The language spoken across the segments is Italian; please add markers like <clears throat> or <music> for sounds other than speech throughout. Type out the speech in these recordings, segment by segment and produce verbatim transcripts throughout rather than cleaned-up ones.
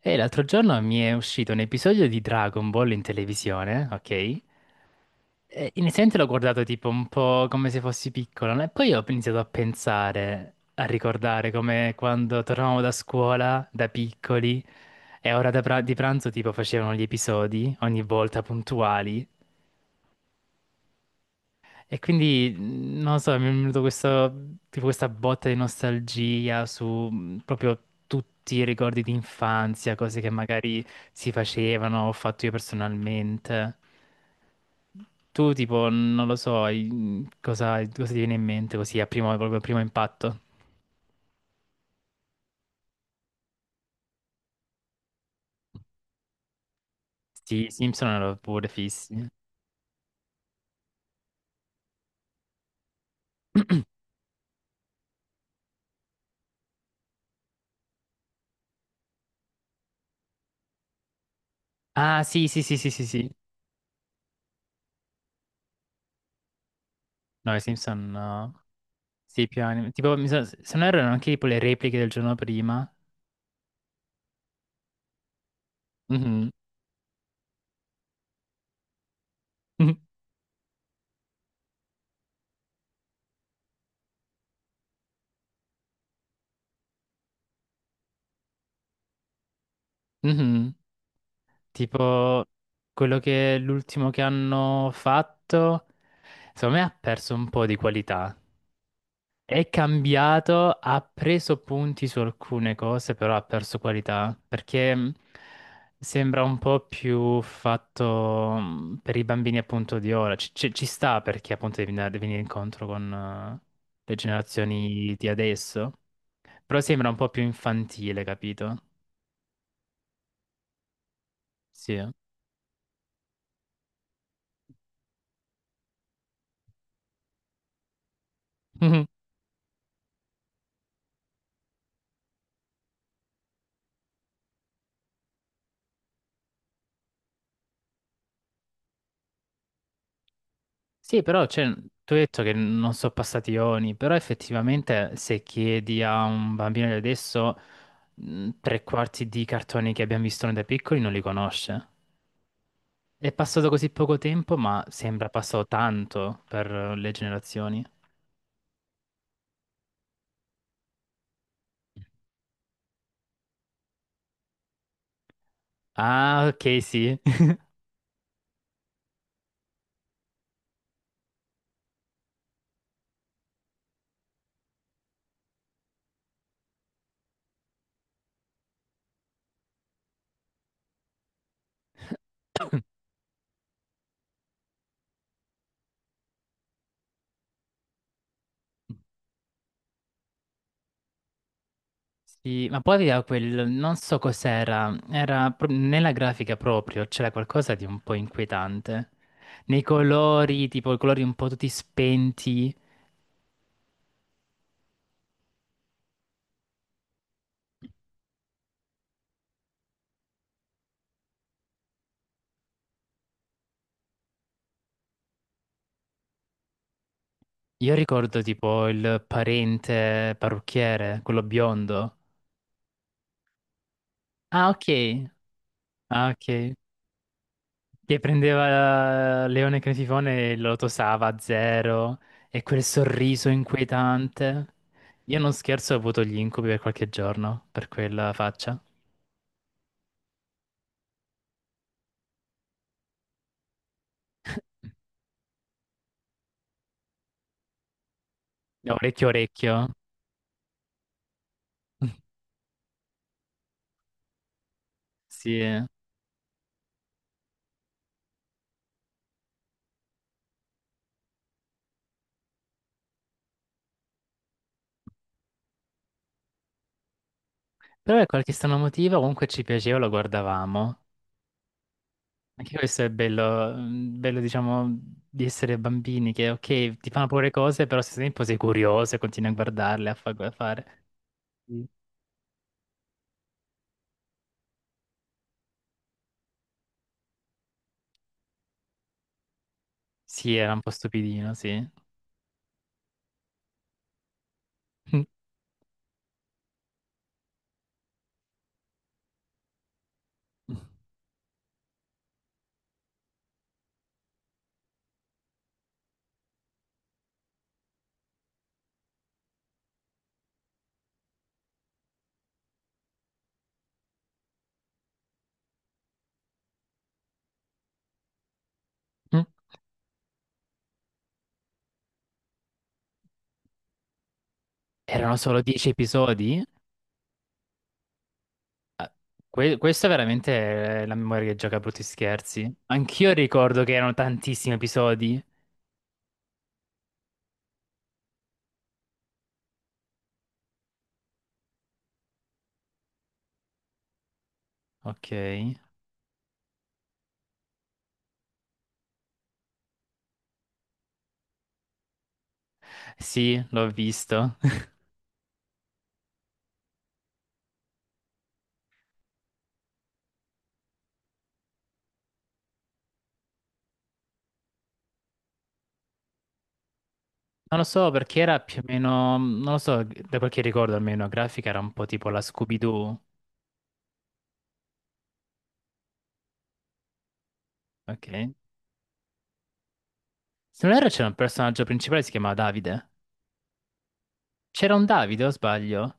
E l'altro giorno mi è uscito un episodio di Dragon Ball in televisione, ok? E inizialmente l'ho guardato tipo un po' come se fossi piccolo, no? E poi ho iniziato a pensare, a ricordare come quando tornavamo da scuola, da piccoli, e a ora da pra- di pranzo tipo facevano gli episodi, ogni volta puntuali. E quindi, mh, non lo so, mi è venuto questo, tipo questa botta di nostalgia su mh, proprio tutti i ricordi di infanzia, cose che magari si facevano, ho fatto io personalmente. Tu, tipo, non lo so, i- cosa, cosa ti viene in mente così a primo, proprio a primo impatto? Sì, i Simpson erano pure fissi. Ah, sì, sì, sì, sì, sì, sì. No, i Simpson, no. Sì, più anime. Tipo, mi sa- se non erro, erano anche tipo le repliche del giorno prima. Mhm. Mhm. Mhm. <laughs> Tipo quello che l'ultimo che hanno fatto, secondo me ha perso un po' di qualità. È cambiato, ha preso punti su alcune cose, però ha perso qualità, perché mh, sembra un po' più fatto mh, per i bambini appunto di ora. Ci, ci- ci sta perché appunto devi andare- devi venire incontro con eh, le generazioni di adesso, però sembra un po' più infantile, capito? Sì. <laughs> Sì, però cioè, tu hai detto che non sono passati ioni, però effettivamente se chiedi a un bambino di adesso, mh, tre quarti di cartoni che abbiamo visto noi da piccoli non li conosce. È passato così poco tempo, ma sembra passato tanto per le generazioni. Ah, ok, sì. <laughs> Sì, ma poi aveva quel, non so cos'era, era pro- nella grafica proprio, c'era qualcosa di un po' inquietante. Nei colori, tipo i colori un po' tutti spenti. Io ricordo tipo il parente parrucchiere, quello biondo. Ah, ok. Ah, ok. Che prendeva Leone Cretifone e lo tosava a zero. E quel sorriso inquietante. Io non scherzo, ho avuto gli incubi per qualche giorno, per quella faccia. <laughs> Orecchio, orecchio. <laughs> Sì. Però per qualche strano motivo comunque ci piaceva, lo guardavamo. Anche questo è bello, mm, bello diciamo di essere bambini che ok ti fanno paura le cose però se stesso tempo sei curioso e continui a guardarle, a, fa- a fare. Sì, sì, era un po' stupidino, sì. Mm. Mm. Erano solo dieci episodi? Que- questa è veramente è la memoria che gioca a brutti scherzi. Anch'io ricordo che erano tantissimi episodi. Ok, sì, l'ho visto. Non lo so perché era più o meno, non lo so, da quel che ricordo almeno, la grafica era un po' tipo la Scooby-Doo, ok? Se non erro c'era un personaggio principale, che si chiamava Davide. C'era un Davide o sbaglio?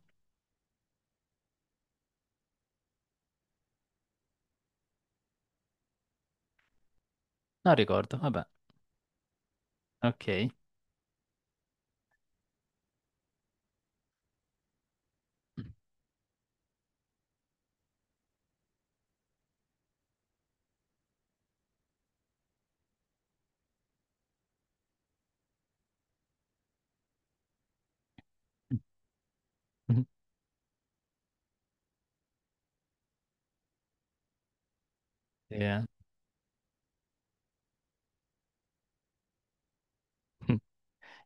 Non ricordo, vabbè, ok. <laughs> Sì, eh.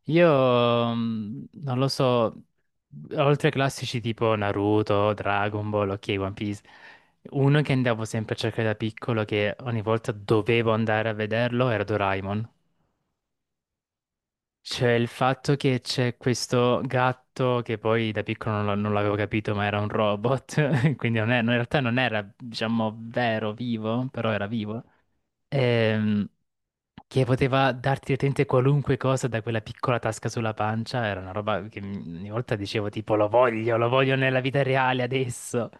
Io, mm, non lo so, oltre ai classici tipo Naruto, Dragon Ball, ok, One Piece, uno che andavo sempre a cercare da piccolo, che ogni volta dovevo andare a vederlo, era Doraemon. Cioè, il fatto che c'è questo gatto che poi da piccolo non, lo- non l'avevo capito, ma era un robot, <laughs> quindi non è- no, in realtà non era, diciamo, vero, vivo, però era vivo, ehm, che poteva darti letteralmente qualunque cosa da quella piccola tasca sulla pancia, era una roba che mi- ogni volta dicevo tipo lo voglio, lo voglio nella vita reale adesso.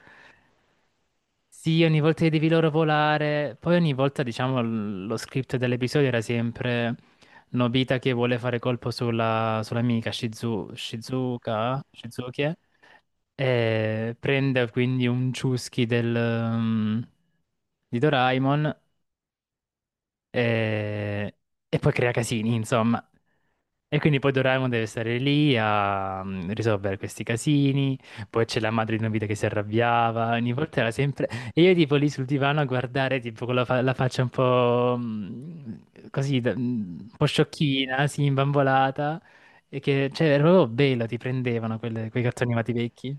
Sì, ogni volta che devi loro volare, poi ogni volta, diciamo, l- lo script dell'episodio era sempre Nobita che vuole fare colpo sulla, sull'amica Shizu, Shizuka, Shizuki, e prende quindi un ciuschi del, um, di Doraemon e, e poi crea casini, insomma. E quindi poi Doraemon deve stare lì a mm, risolvere questi casini, poi c'è la madre di Nobita che si arrabbiava, ogni volta era sempre... E io tipo lì sul divano a guardare tipo con la, fa- la faccia un po' mm, così, da- mm, un po' sciocchina, sì, imbambolata, e che cioè, era proprio bello, ti prendevano quelle- quei cartoni animati vecchi.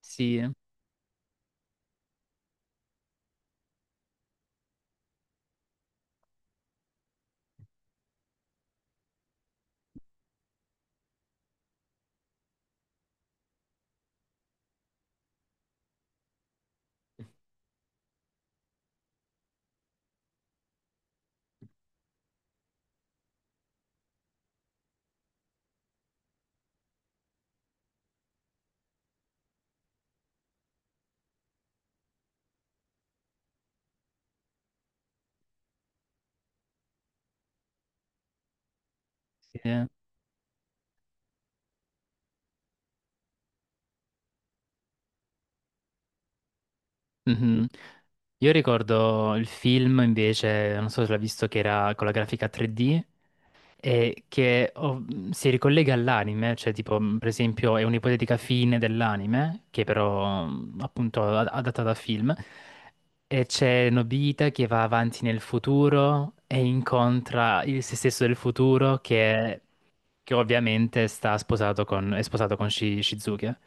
Sì, eh. Sì, eh. Mhm. Io ricordo il film invece, non so se l'ha visto, che era con la grafica tre D e che oh, si ricollega all'anime, cioè tipo mh, per esempio è un'ipotetica fine dell'anime, che però mh, appunto ad- adatta da film, e c'è Nobita che va avanti nel futuro e incontra il se stesso del futuro che, che ovviamente sta sposato con, è sposato con Shi- Shizuke.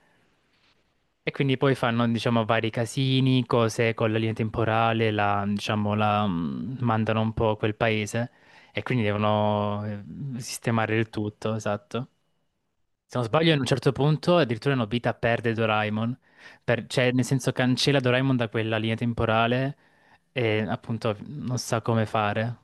E quindi poi fanno, diciamo, vari casini, cose con la linea temporale, la, diciamo, la mm, mandano un po' a quel paese e quindi devono eh, sistemare il tutto, esatto. Se non sbaglio, ad un certo punto addirittura Nobita perde Doraemon, per- cioè nel senso cancella Doraemon da quella linea temporale e appunto non sa come fare.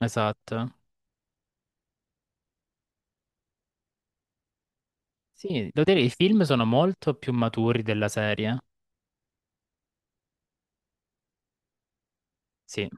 Esatto. Sì, devo dire, i film sono molto più maturi della serie. Sì.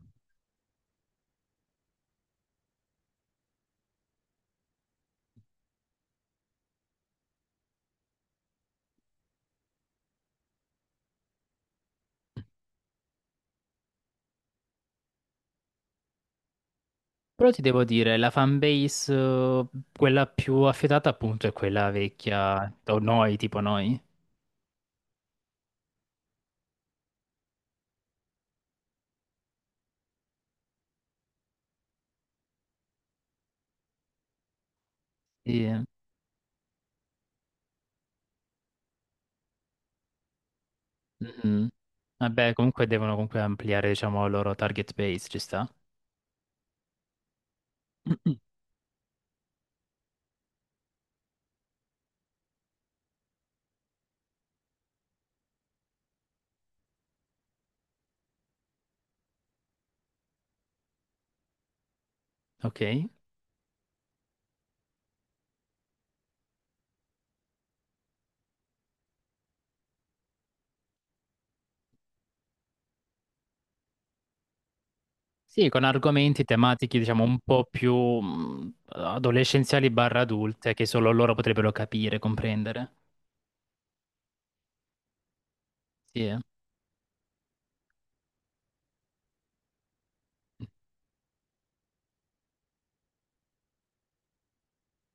Però ti devo dire, la fanbase, eh, quella più affidata appunto è quella vecchia, o noi, tipo noi. Sì, eh. Mhm. Vabbè, comunque devono comunque ampliare, diciamo, il loro target base, ci sta. <clears throat> Ok. Sì, con argomenti tematiche, diciamo, un po' più mh, adolescenziali barra adulte, che solo loro potrebbero capire, comprendere. Sì, eh.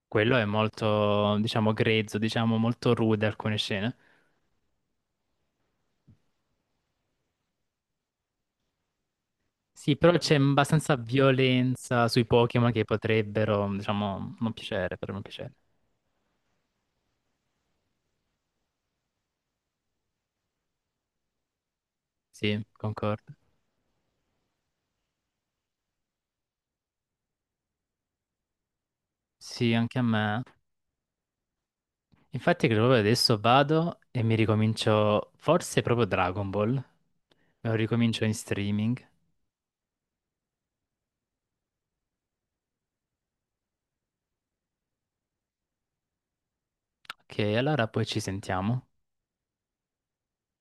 Quello è molto, diciamo, grezzo, diciamo, molto rude alcune scene. Sì, però c'è abbastanza violenza sui Pokémon che potrebbero, diciamo, non piacere, però non piacere. Sì, concordo. Sì, anche a me. Infatti, credo proprio adesso vado e mi ricomincio, forse proprio Dragon Ball. Me lo ricomincio in streaming. Ok, allora poi ci sentiamo.